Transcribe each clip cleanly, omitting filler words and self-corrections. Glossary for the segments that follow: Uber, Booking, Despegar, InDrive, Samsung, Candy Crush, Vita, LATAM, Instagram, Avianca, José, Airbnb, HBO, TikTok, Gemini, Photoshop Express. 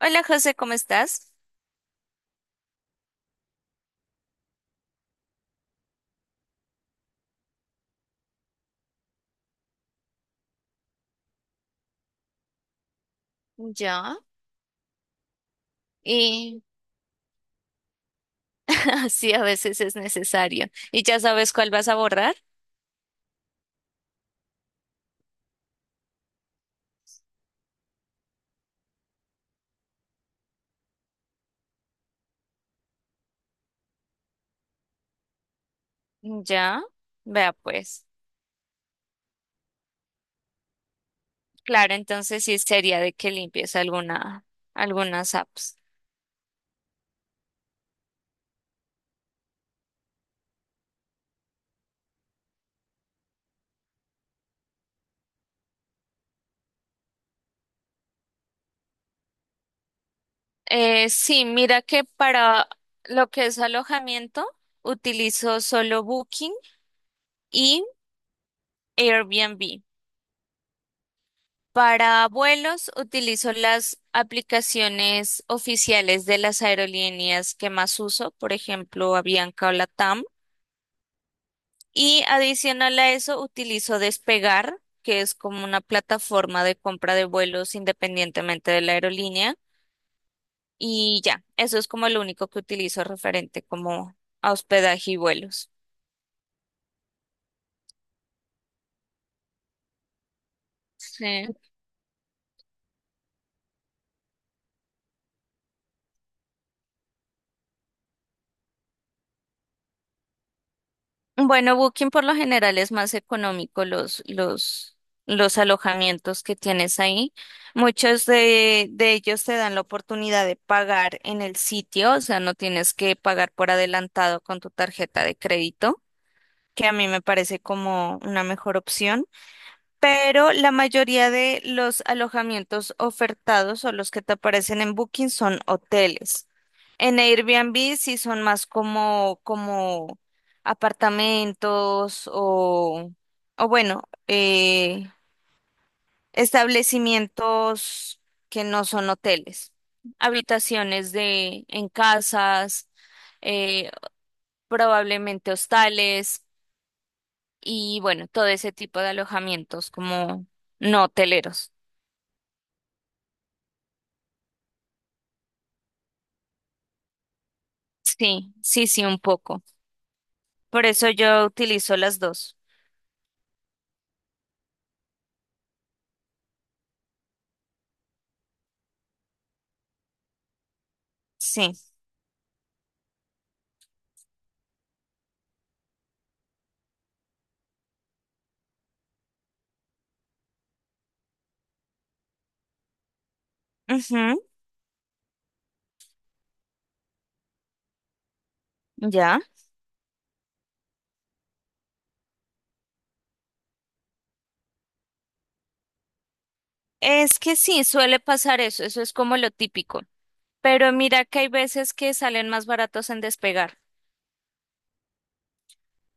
Hola José, ¿cómo estás? Ya. Y así a veces es necesario. ¿Y ya sabes cuál vas a borrar? Ya. Vea pues. Claro, entonces sí sería de que limpies alguna, algunas apps. Sí, mira que para lo que es alojamiento utilizo solo Booking y Airbnb. Para vuelos utilizo las aplicaciones oficiales de las aerolíneas que más uso, por ejemplo, Avianca o LATAM. Y adicional a eso, utilizo Despegar, que es como una plataforma de compra de vuelos independientemente de la aerolínea. Y ya, eso es como lo único que utilizo referente como a hospedaje y vuelos. Sí. Bueno, Booking por lo general es más económico los alojamientos que tienes ahí. Muchos de ellos te dan la oportunidad de pagar en el sitio, o sea, no tienes que pagar por adelantado con tu tarjeta de crédito, que a mí me parece como una mejor opción, pero la mayoría de los alojamientos ofertados o los que te aparecen en Booking son hoteles. En Airbnb sí son más como, como apartamentos o bueno, establecimientos que no son hoteles, habitaciones de, en casas, eh, probablemente hostales. Y bueno, todo ese tipo de alojamientos como no hoteleros. Sí, sí, sí, un poco. Por eso yo utilizo las dos. Sí. Ujú, ya. Es que sí, suele pasar eso, eso es como lo típico. Pero mira que hay veces que salen más baratos en Despegar.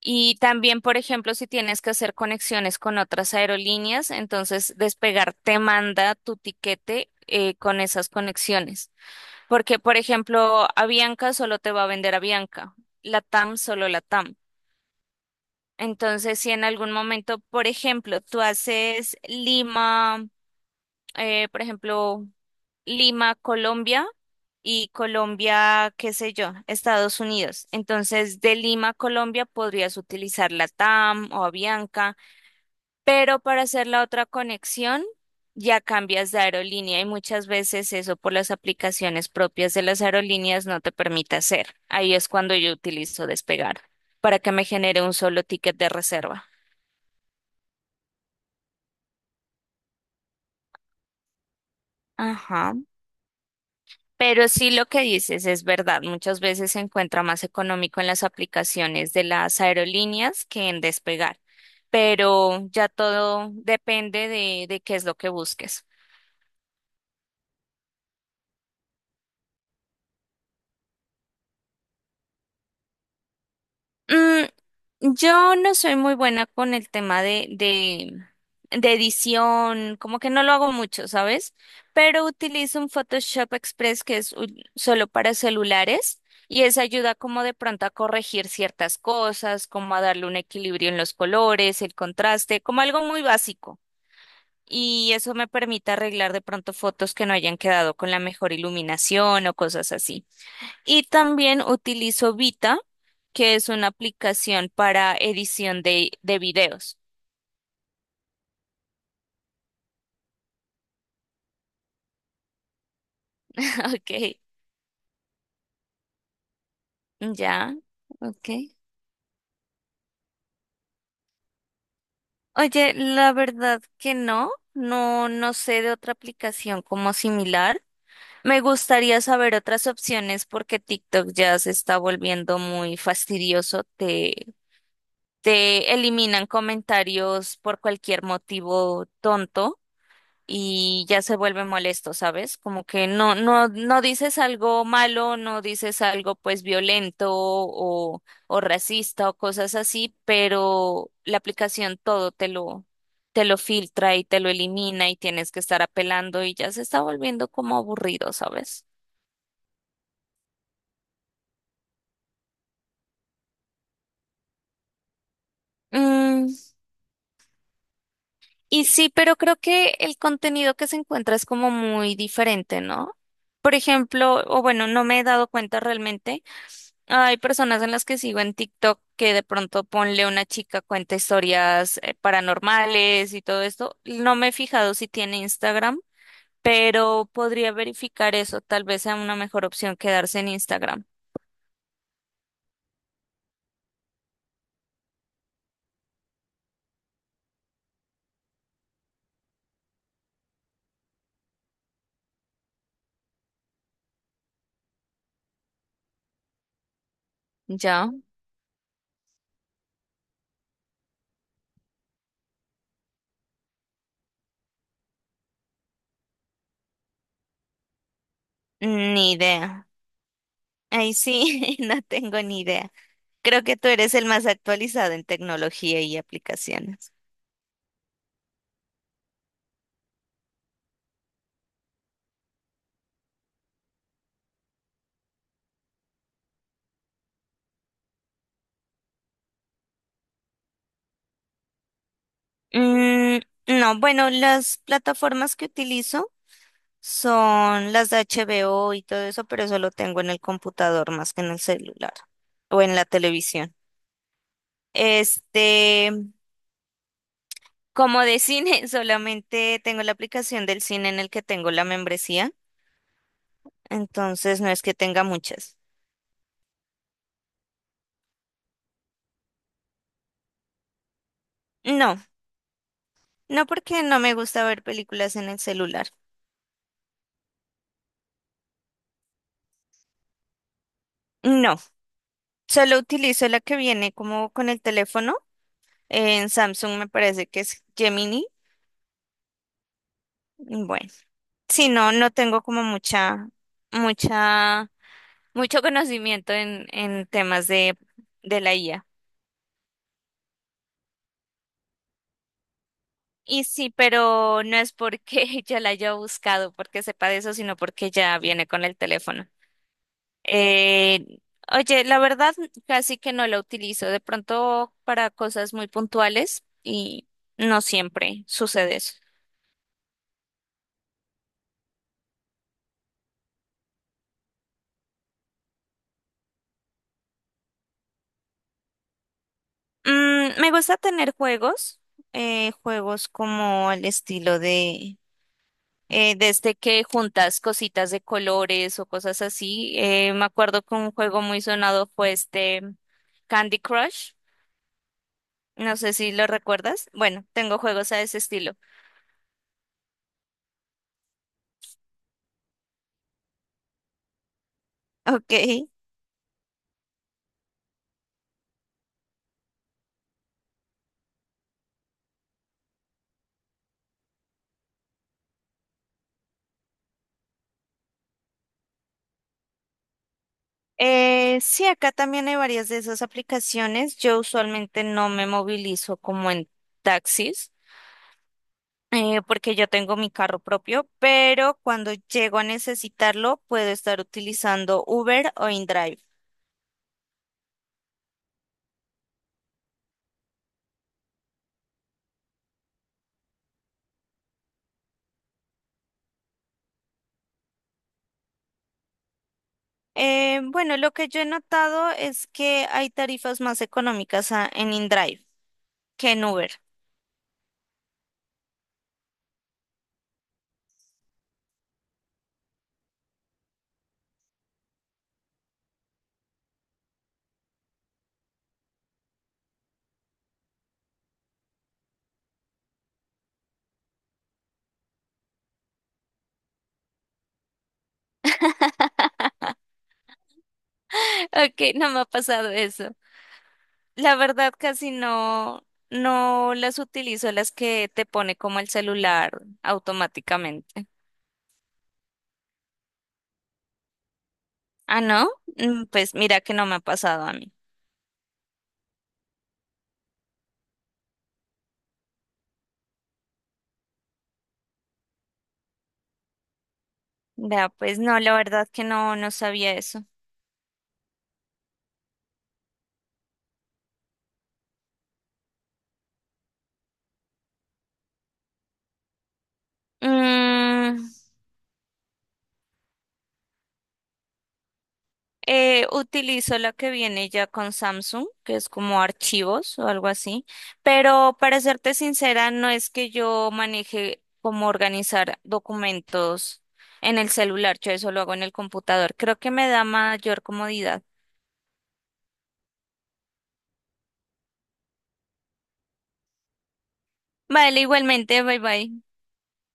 Y también, por ejemplo, si tienes que hacer conexiones con otras aerolíneas, entonces Despegar te manda tu tiquete con esas conexiones. Porque, por ejemplo, Avianca solo te va a vender Avianca, Latam solo Latam. Entonces, si en algún momento, por ejemplo, tú haces Lima, por ejemplo, Lima, Colombia y Colombia, qué sé yo, Estados Unidos. Entonces, de Lima, Colombia podrías utilizar Latam o Avianca, pero para hacer la otra conexión, ya cambias de aerolínea y muchas veces eso por las aplicaciones propias de las aerolíneas no te permite hacer. Ahí es cuando yo utilizo Despegar para que me genere un solo ticket de reserva. Ajá. Pero sí lo que dices es verdad. Muchas veces se encuentra más económico en las aplicaciones de las aerolíneas que en Despegar. Pero ya todo depende de qué es lo que busques. Mm, yo no soy muy buena con el tema de edición, como que no lo hago mucho, ¿sabes? Pero utilizo un Photoshop Express que es un- solo para celulares y eso ayuda como de pronto a corregir ciertas cosas, como a darle un equilibrio en los colores, el contraste, como algo muy básico. Y eso me permite arreglar de pronto fotos que no hayan quedado con la mejor iluminación o cosas así. Y también utilizo Vita, que es una aplicación para edición de videos. Ok, ya, ok. Oye, la verdad que no, no, no sé de otra aplicación como similar. Me gustaría saber otras opciones porque TikTok ya se está volviendo muy fastidioso. Te eliminan comentarios por cualquier motivo tonto, y ya se vuelve molesto, ¿sabes? Como que no, no, no dices algo malo, no dices algo pues violento o racista o cosas así, pero la aplicación todo te lo filtra y te lo elimina y tienes que estar apelando y ya se está volviendo como aburrido, ¿sabes? Mm, y sí, pero creo que el contenido que se encuentra es como muy diferente, ¿no? Por ejemplo, o bueno, no me he dado cuenta realmente. Hay personas en las que sigo en TikTok que de pronto ponle una chica cuenta historias paranormales y todo esto. No me he fijado si tiene Instagram, pero podría verificar eso. Tal vez sea una mejor opción quedarse en Instagram. ¿Ya? Ni idea. Ahí sí, no tengo ni idea. Creo que tú eres el más actualizado en tecnología y aplicaciones. Mm, no, bueno, las plataformas que utilizo son las de HBO y todo eso, pero eso lo tengo en el computador más que en el celular o en la televisión. Este, como de cine, solamente tengo la aplicación del cine en el que tengo la membresía, entonces no es que tenga muchas. No, no porque no me gusta ver películas en el celular. No, solo utilizo la que viene como con el teléfono. En Samsung me parece que es Gemini. Bueno. Sí, no, no tengo como mucha, mucho conocimiento en temas de la IA. Y sí, pero no es porque ya la haya buscado, porque sepa de eso, sino porque ya viene con el teléfono. Eh, oye, la verdad, casi que no la utilizo. De pronto para cosas muy puntuales y no siempre sucede eso. Mm, me gusta tener juegos, juegos como al estilo de desde que juntas cositas de colores o cosas así. Me acuerdo que un juego muy sonado fue este Candy Crush. No sé si lo recuerdas. Bueno, tengo juegos a ese estilo. Ok. Sí, acá también hay varias de esas aplicaciones. Yo usualmente no me movilizo como en taxis, porque yo tengo mi carro propio, pero cuando llego a necesitarlo, puedo estar utilizando Uber o InDrive. Bueno, lo que yo he notado es que hay tarifas más económicas a- en InDrive que en Uber. Ok, no me ha pasado eso. La verdad, casi no, no las utilizo, las que te pone como el celular automáticamente. Ah, ¿no? Mm, pues mira que no me ha pasado a mí. Vea, pues no, la verdad que no, no sabía eso. Mm, utilizo la que viene ya con Samsung, que es como archivos o algo así, pero para serte sincera, no es que yo maneje cómo organizar documentos en el celular, yo eso lo hago en el computador. Creo que me da mayor comodidad. Vale, igualmente, bye bye.